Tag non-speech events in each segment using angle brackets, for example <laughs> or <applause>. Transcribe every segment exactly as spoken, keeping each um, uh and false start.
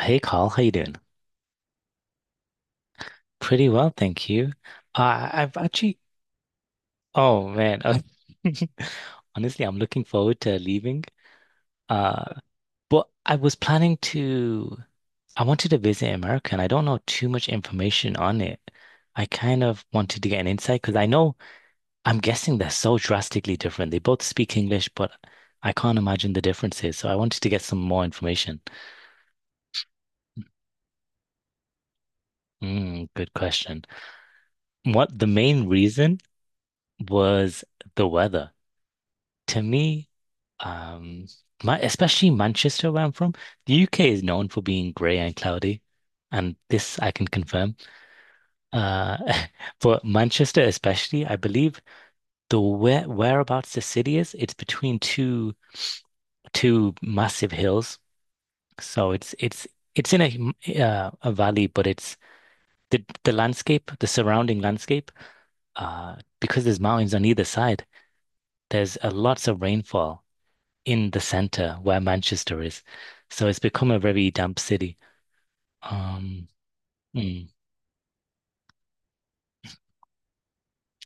Hey Carl, how you doing? Pretty well, thank you. Uh, I've actually, oh man, uh, <laughs> honestly, I'm looking forward to leaving. Uh, but I was planning to, I wanted to visit America, and I don't know too much information on it. I kind of wanted to get an insight because I know I'm guessing they're so drastically different. They both speak English, but I can't imagine the differences. So I wanted to get some more information. Mm, good question. What the main reason was the weather. To me, um, my especially Manchester, where I'm from, the U K is known for being grey and cloudy, and this I can confirm. Uh, <laughs> but Manchester, especially, I believe the where whereabouts the city is, it's between two two massive hills, so it's it's it's in a uh, a valley, but it's the the landscape, the surrounding landscape, uh, because there's mountains on either side. There's uh, lots of rainfall in the center where Manchester is. So it's become a very damp city. Um, mm,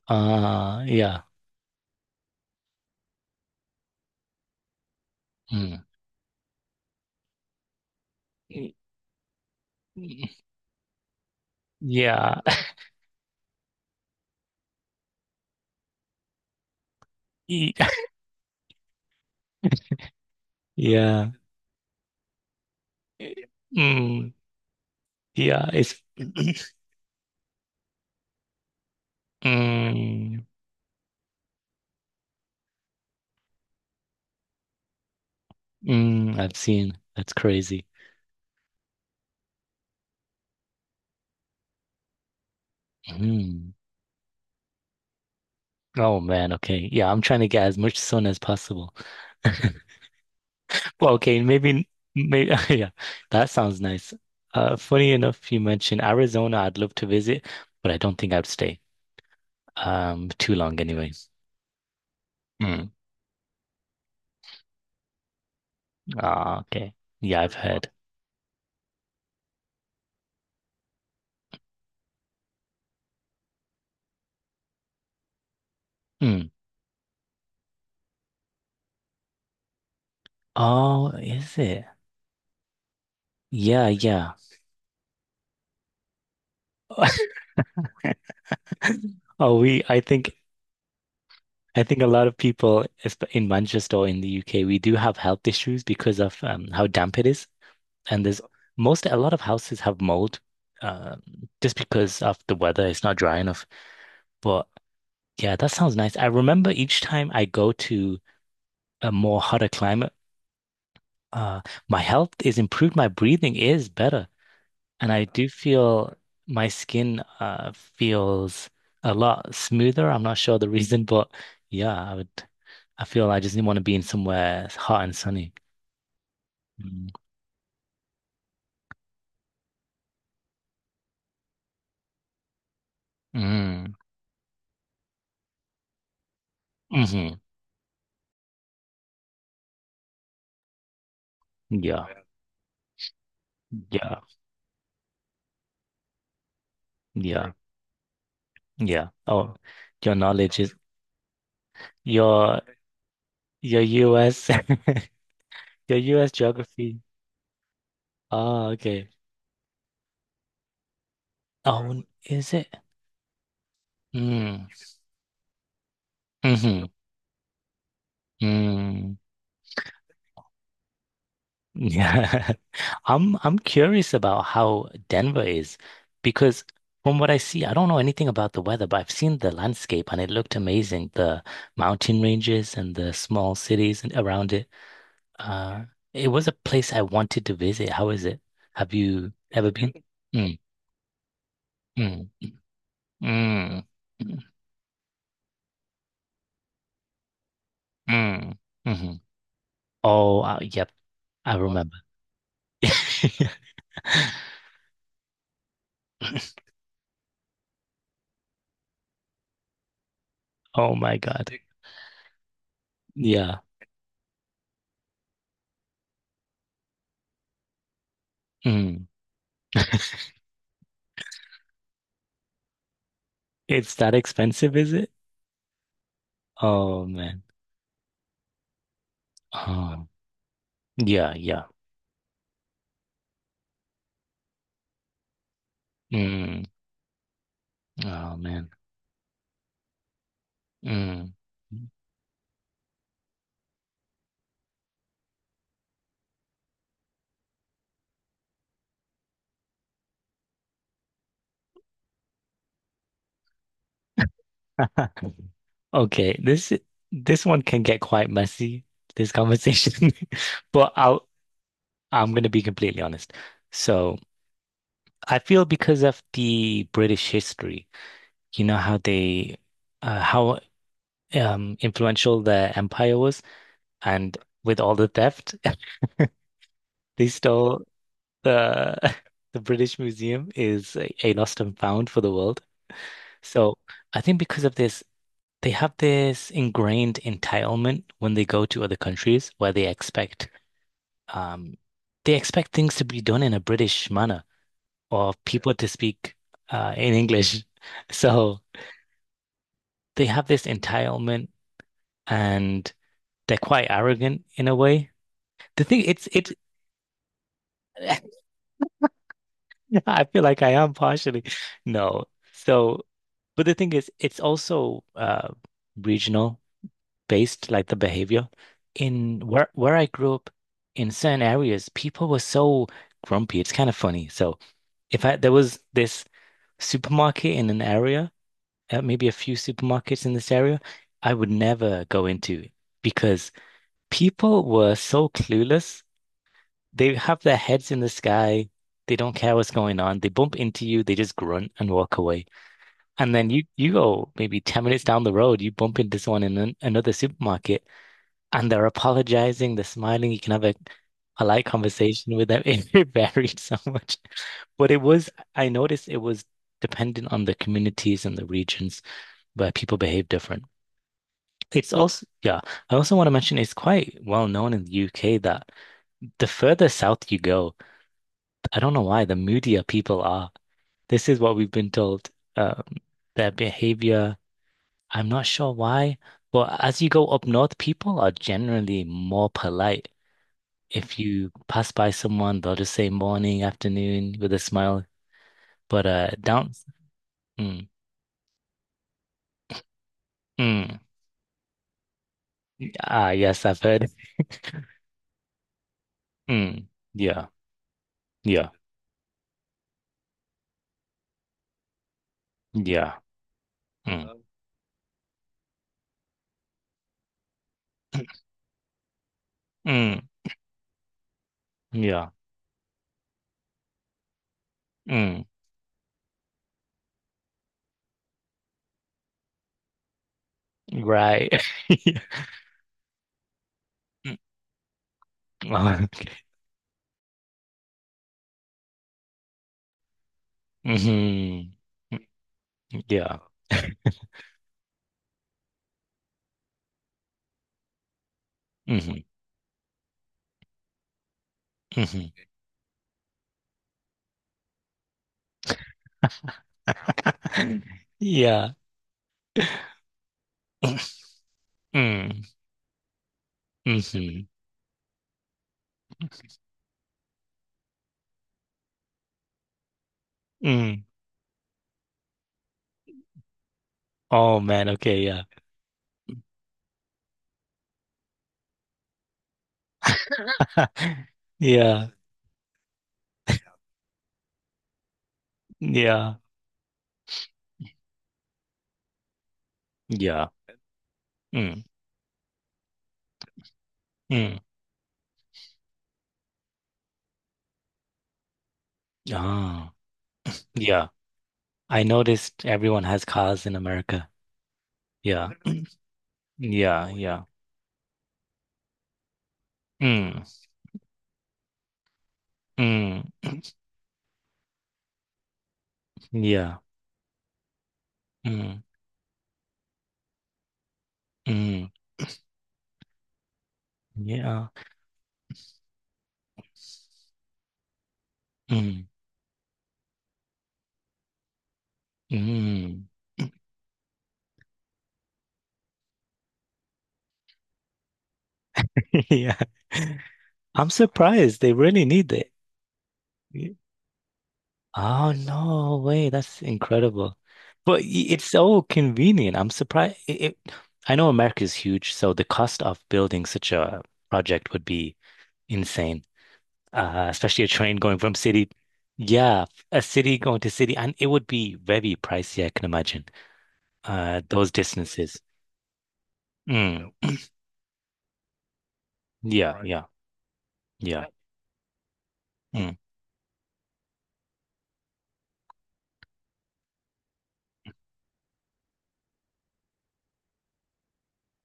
uh, yeah. Mm, y- y- yeah. <laughs> y- Yeah. Mm, yeah. It's, <clears throat> mm, mm, I've seen. That's crazy. Mm. Oh man, okay. Yeah, I'm trying to get as much sun as possible. <laughs> Well, okay, maybe, maybe, <laughs> yeah, that sounds nice. Uh, funny enough, you mentioned Arizona. I'd love to visit, but I don't think I'd stay. Um, too long anyway. Mm. Ah, okay. Yeah, I've heard. Mm. Oh, is it? Yeah, yeah. <laughs> Oh, we, I think, I think a lot of people esp- in Manchester or in the U K, we do have health issues because of um, how damp it is. And there's most, a lot of houses have mold, um, just because of the weather. It's not dry enough. But yeah, that sounds nice. I remember each time I go to a more hotter climate, uh, my health is improved. My breathing is better. And I do feel my skin uh, feels a lot smoother. I'm not sure the <laughs> reason, but yeah, I would. I feel like I just didn't want to be in somewhere hot and sunny. Mm. Mm. Hmm. Yeah, yeah, yeah, sure, yeah. Oh, your knowledge is your your U S, <laughs> your U S geography. Oh, okay. Oh, right. Is it? Mm. Hmm. Mm. Yeah. <laughs> I'm I'm curious about how Denver is because from what I see, I don't know anything about the weather, but I've seen the landscape and it looked amazing. The mountain ranges and the small cities and around it. Uh, it was a place I wanted to visit. How is it? Have you ever been? Mm, mm, mm, mm, mm, mhm. Oh, uh, yep. I remember. <laughs> Oh my God. Yeah. Mm. It's that expensive, is it? Oh man. Oh yeah, yeah. Mm. Oh man. Mm. <laughs> Okay, this this one can get quite messy, this conversation. <laughs> But I'll I'm gonna be completely honest. So I feel because of the British history, you know how they uh, how um influential their empire was, and with all the theft, <laughs> they stole the, <laughs> the British Museum is a a lost and found for the world. So I think because of this, they have this ingrained entitlement when they go to other countries where they expect um, they expect things to be done in a British manner or, yeah, people to speak uh, in English. <laughs> So they have this entitlement and they're quite arrogant in a way. The thing, it's, it. <laughs> I feel like I am partially no. So but the thing is it's also uh, regional, based like the behavior. In where where I grew up, in certain areas, people were so grumpy. It's kind of funny. So if I there was this supermarket in an area, uh, maybe a few supermarkets in this area, I would never go into because people were so clueless. They have their heads in the sky. They don't care what's going on. They bump into you, they just grunt and walk away. And then you you go maybe 10 minutes down the road, you bump into someone in an, another supermarket and they're apologizing, they're smiling. You can have a polite conversation with them. <laughs> It varied so much. But it was, I noticed it was dependent on the communities and the regions where people behave different. It's also, yeah, I also want to mention it's quite well known in the U K that the further south you go, I don't know why, the moodier people are. This is what we've been told. Um, their behavior, I'm not sure why, but as you go up north, people are generally more polite. If you pass by someone, they'll just say morning, afternoon with a smile. But uh down, mm, mm. Ah yes, I've heard. Mm, yeah, yeah, yeah. Mm, mm, yeah. Mm, right. <laughs> Mm, uh, mhm, mm, yeah. Mhm, mhm. <laughs> Yeah. <laughs> Mm, mhm, mm. Oh man, okay, yeah. <laughs> Yeah. Yeah. Yeah. Mm, mm. Ah, yeah. I noticed everyone has cars in America. Yeah. Yeah. Yeah. Mm. Mm. Yeah. Mm. Mm. Yeah. Mm. Mm. <laughs> Yeah. I'm surprised they really need it. Y- Oh no way, that's incredible. But y- it's so convenient. I'm surprised, it, it, I know America is huge, so the cost of building such a project would be insane. Uh, especially a train going from city. Yeah, a city going to city, and it would be very pricey, I can imagine. Uh, those distances. Mm, yeah, right, yeah, yeah. Mm,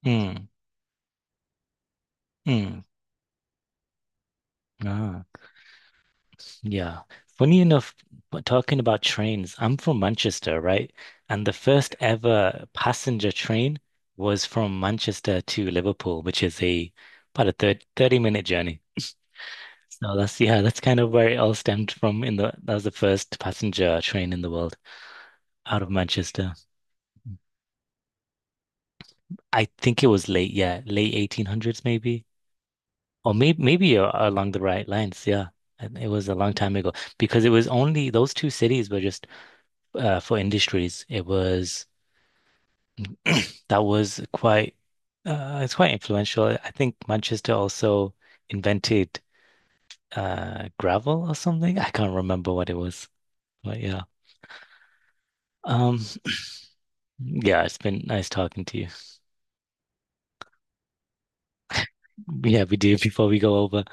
mm, mm. Ah, yeah. Funny enough, but talking about trains, I'm from Manchester, right? And the first ever passenger train was from Manchester to Liverpool, which is a about a thirty thirty minute journey. So that's yeah, that's kind of where it all stemmed from in the that was the first passenger train in the world out of Manchester. I think it was late, yeah, late eighteen hundreds maybe. Or maybe maybe a- along the right lines, yeah. And it was a long time ago because it was only those two cities were just uh, for industries. It was <clears throat> that was quite, uh, it's quite influential. I think Manchester also invented uh, gravel or something. I can't remember what it was, but yeah. um. Yeah, it's been nice talking to you. Yeah, we do. <laughs> Before we go over,